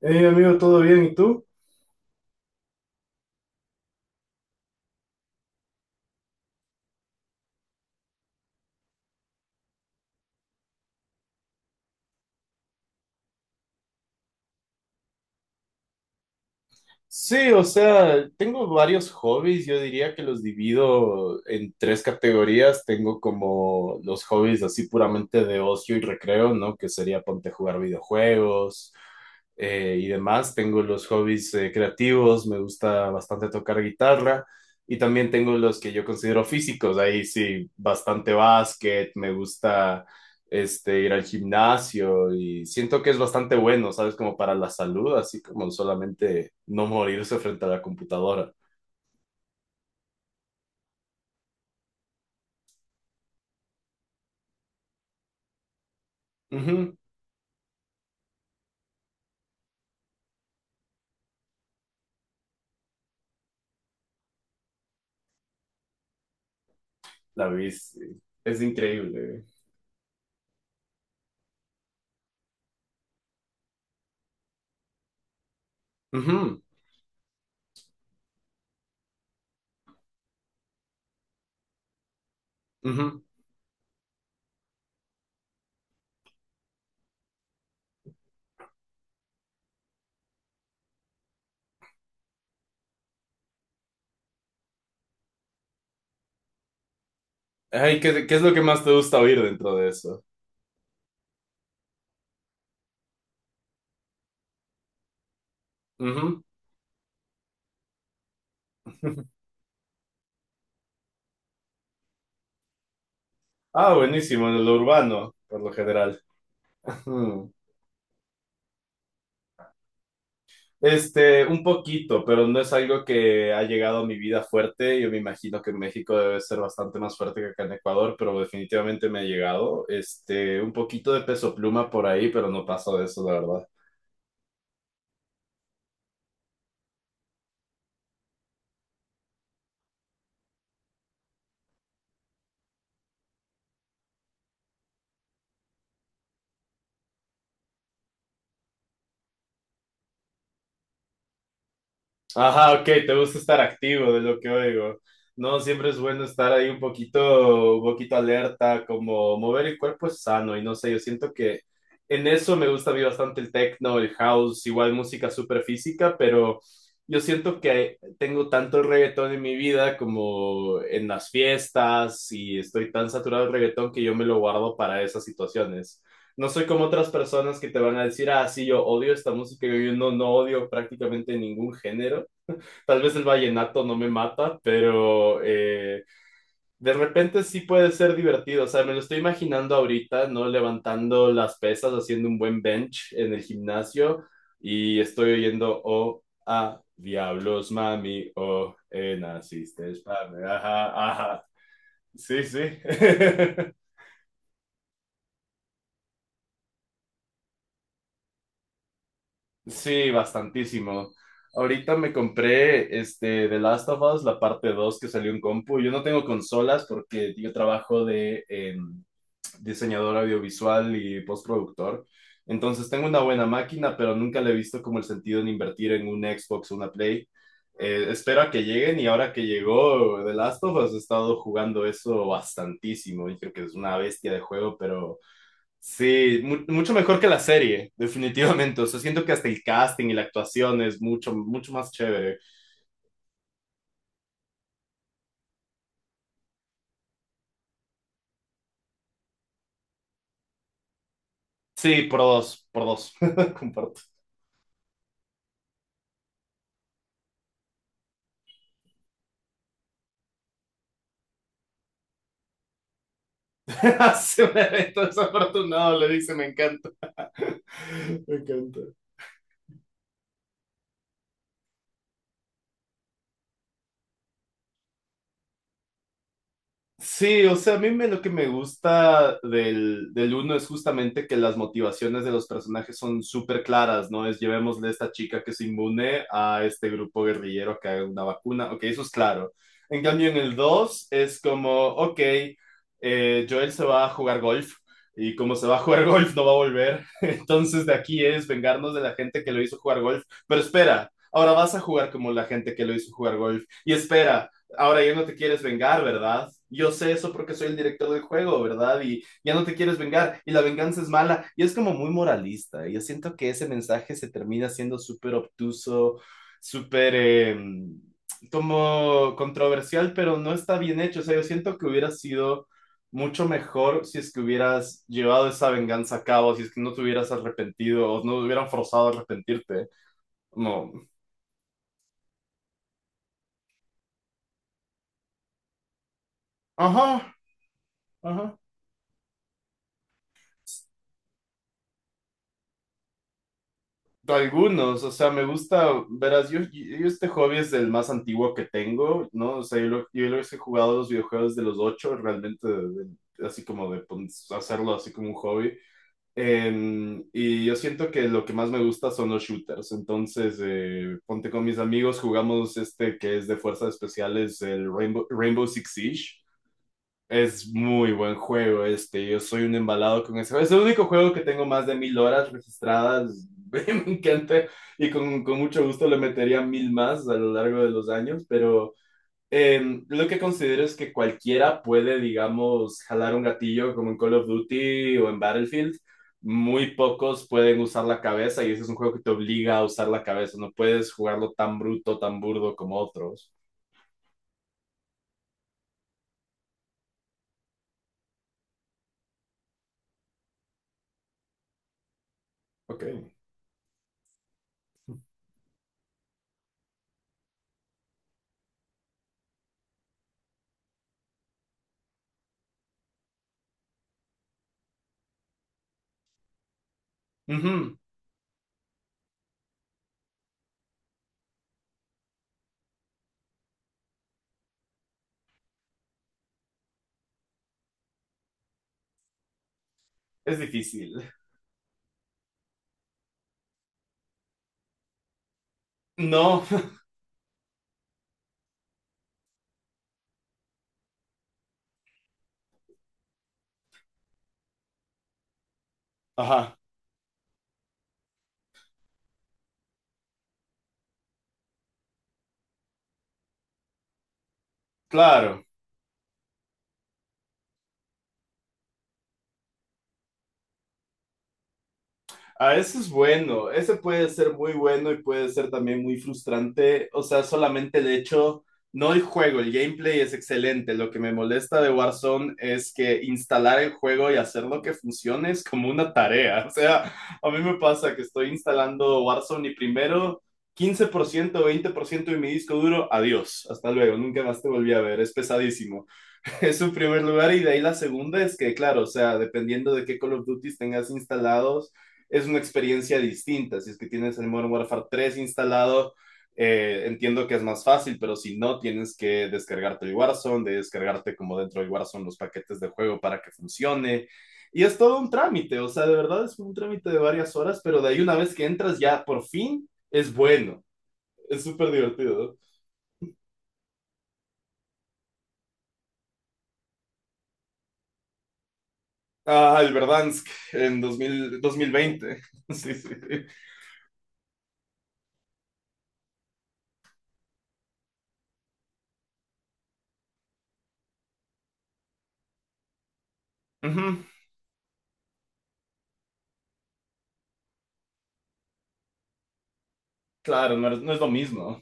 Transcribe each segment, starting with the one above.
Hey amigo, ¿todo bien? ¿Y tú? Sí, o sea, tengo varios hobbies, yo diría que los divido en tres categorías. Tengo como los hobbies así puramente de ocio y recreo, ¿no? Que sería ponte a jugar videojuegos y demás. Tengo los hobbies creativos, me gusta bastante tocar guitarra y también tengo los que yo considero físicos, ahí sí, bastante básquet, me gusta ir al gimnasio y siento que es bastante bueno, ¿sabes? Como para la salud, así como solamente no morirse frente a la computadora. Ujú. La bici, es increíble. Ujú, ujú. Ay, ¿qué, qué es lo que más te gusta oír dentro de eso? Ujú. Ah, buenísimo, en lo urbano, por lo general. Ujú. Un poquito, pero no es algo que ha llegado a mi vida fuerte. Yo me imagino que en México debe ser bastante más fuerte que acá en Ecuador, pero definitivamente me ha llegado. Un poquito de peso pluma por ahí, pero no paso de eso, la verdad. Ajá, ok, te gusta estar activo de lo que oigo. No, siempre es bueno estar ahí un poquito alerta, como mover el cuerpo es sano y no sé, yo siento que en eso me gusta a mí bastante el techno, el house, igual música súper física, pero yo siento que tengo tanto reggaetón en mi vida como en las fiestas y estoy tan saturado del reggaetón que yo me lo guardo para esas situaciones. No soy como otras personas que te van a decir, ah, sí, yo odio esta música, yo no, no odio prácticamente ningún género. Tal vez el vallenato no me mata, pero de repente sí puede ser divertido. O sea, me lo estoy imaginando ahorita, ¿no? Levantando las pesas, haciendo un buen bench en el gimnasio y estoy oyendo, oh, ah, diablos, mami, oh, naciste, espame, ajá, ajá. Sí, sí. Sí, bastantísimo. Ahorita me compré este The Last of Us, la parte 2 que salió en compu. Yo no tengo consolas porque yo trabajo de diseñador audiovisual y postproductor. Entonces tengo una buena máquina, pero nunca le he visto como el sentido en invertir en un Xbox o una Play. Espero a que lleguen y ahora que llegó The Last of Us he estado jugando eso bastantísimo. Dije que es una bestia de juego, pero sí, mucho mejor que la serie, definitivamente. O sea, siento que hasta el casting y la actuación es mucho, mucho más chévere. Sí, por dos, comparto. Hace un evento desafortunado, le dice, me encanta. Me encanta. Sí, o sea, a mí lo que me gusta del uno es justamente que las motivaciones de los personajes son súper claras, ¿no? Es llevémosle a esta chica que es inmune a este grupo guerrillero que haga una vacuna, ok, eso es claro. En cambio, en el 2 es como, ok, Joel se va a jugar golf y como se va a jugar golf no va a volver, entonces de aquí es vengarnos de la gente que lo hizo jugar golf, pero espera. Ahora vas a jugar como la gente que lo hizo jugar golf. Y espera, ahora ya no te quieres vengar, ¿verdad? Yo sé eso porque soy el director del juego, ¿verdad? Y ya no te quieres vengar y la venganza es mala. Y es como muy moralista. Yo siento que ese mensaje se termina siendo súper obtuso, súper como controversial, pero no está bien hecho. O sea, yo siento que hubiera sido mucho mejor si es que hubieras llevado esa venganza a cabo, si es que no te hubieras arrepentido o no te hubieran forzado a arrepentirte. Como, ajá, ajá. Algunos, o sea, me gusta, verás, Yo este hobby es el más antiguo que tengo, ¿no? O sea, yo, yo los he jugado los videojuegos de los ocho, realmente, así como de hacerlo así como un hobby. Y yo siento que lo que más me gusta son los shooters, entonces, ponte con mis amigos, jugamos este que es de fuerzas especiales, el Rainbow Six Siege. Es muy buen juego este, yo soy un embalado con ese juego. Es el único juego que tengo más de mil horas registradas, me encanta y con mucho gusto le metería mil más a lo largo de los años, pero eh, lo que considero es que cualquiera puede, digamos, jalar un gatillo como en Call of Duty o en Battlefield. Muy pocos pueden usar la cabeza y ese es un juego que te obliga a usar la cabeza, no puedes jugarlo tan bruto, tan burdo como otros. Ok. Ujú. Es difícil. No. Ajá. Claro, a eso es bueno, ese puede ser muy bueno y puede ser también muy frustrante, o sea, solamente el hecho, no el juego, el gameplay es excelente, lo que me molesta de Warzone es que instalar el juego y hacerlo que funcione es como una tarea, o sea, a mí me pasa que estoy instalando Warzone y primero 15%, 20% de mi disco duro, adiós, hasta luego, nunca más te volví a ver, es pesadísimo. Es su primer lugar y de ahí la segunda es que, claro, o sea, dependiendo de qué Call of Duty tengas instalados, es una experiencia distinta. Si es que tienes el Modern Warfare tres instalado, entiendo que es más fácil, pero si no, tienes que descargarte el Warzone, de descargarte como dentro del Warzone los paquetes de juego para que funcione. Y es todo un trámite, o sea, de verdad es un trámite de varias horas, pero de ahí una vez que entras ya por fin es bueno, es súper divertido, ¿no? Ah, el Verdansk en 2000 2020. Sí, sí. Sí. Ujú. Claro, no es lo mismo.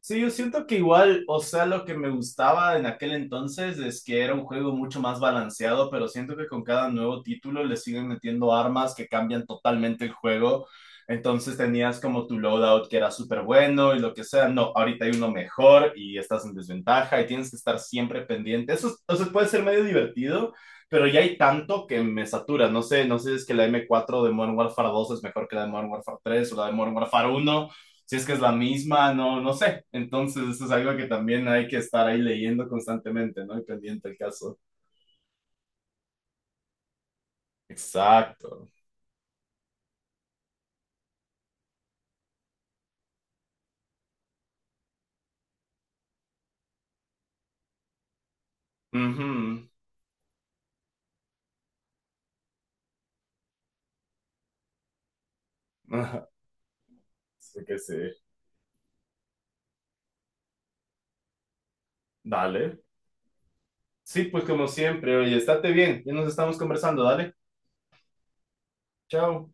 Sí, yo siento que igual, o sea, lo que me gustaba en aquel entonces es que era un juego mucho más balanceado, pero siento que con cada nuevo título le siguen metiendo armas que cambian totalmente el juego. Entonces tenías como tu loadout que era súper bueno y lo que sea. No, ahorita hay uno mejor y estás en desventaja y tienes que estar siempre pendiente. Eso, o sea, puede ser medio divertido, pero ya hay tanto que me satura. No sé si es que la M4 de Modern Warfare dos es mejor que la de Modern Warfare tres o la de Modern Warfare uno si es que es la misma, no, no sé. Entonces, eso es algo que también hay que estar ahí leyendo constantemente, ¿no? Y pendiente el caso. Exacto. Ujú. Así que sí. Dale. Sí, pues como siempre, oye, estate bien. Ya nos estamos conversando, dale. Chao.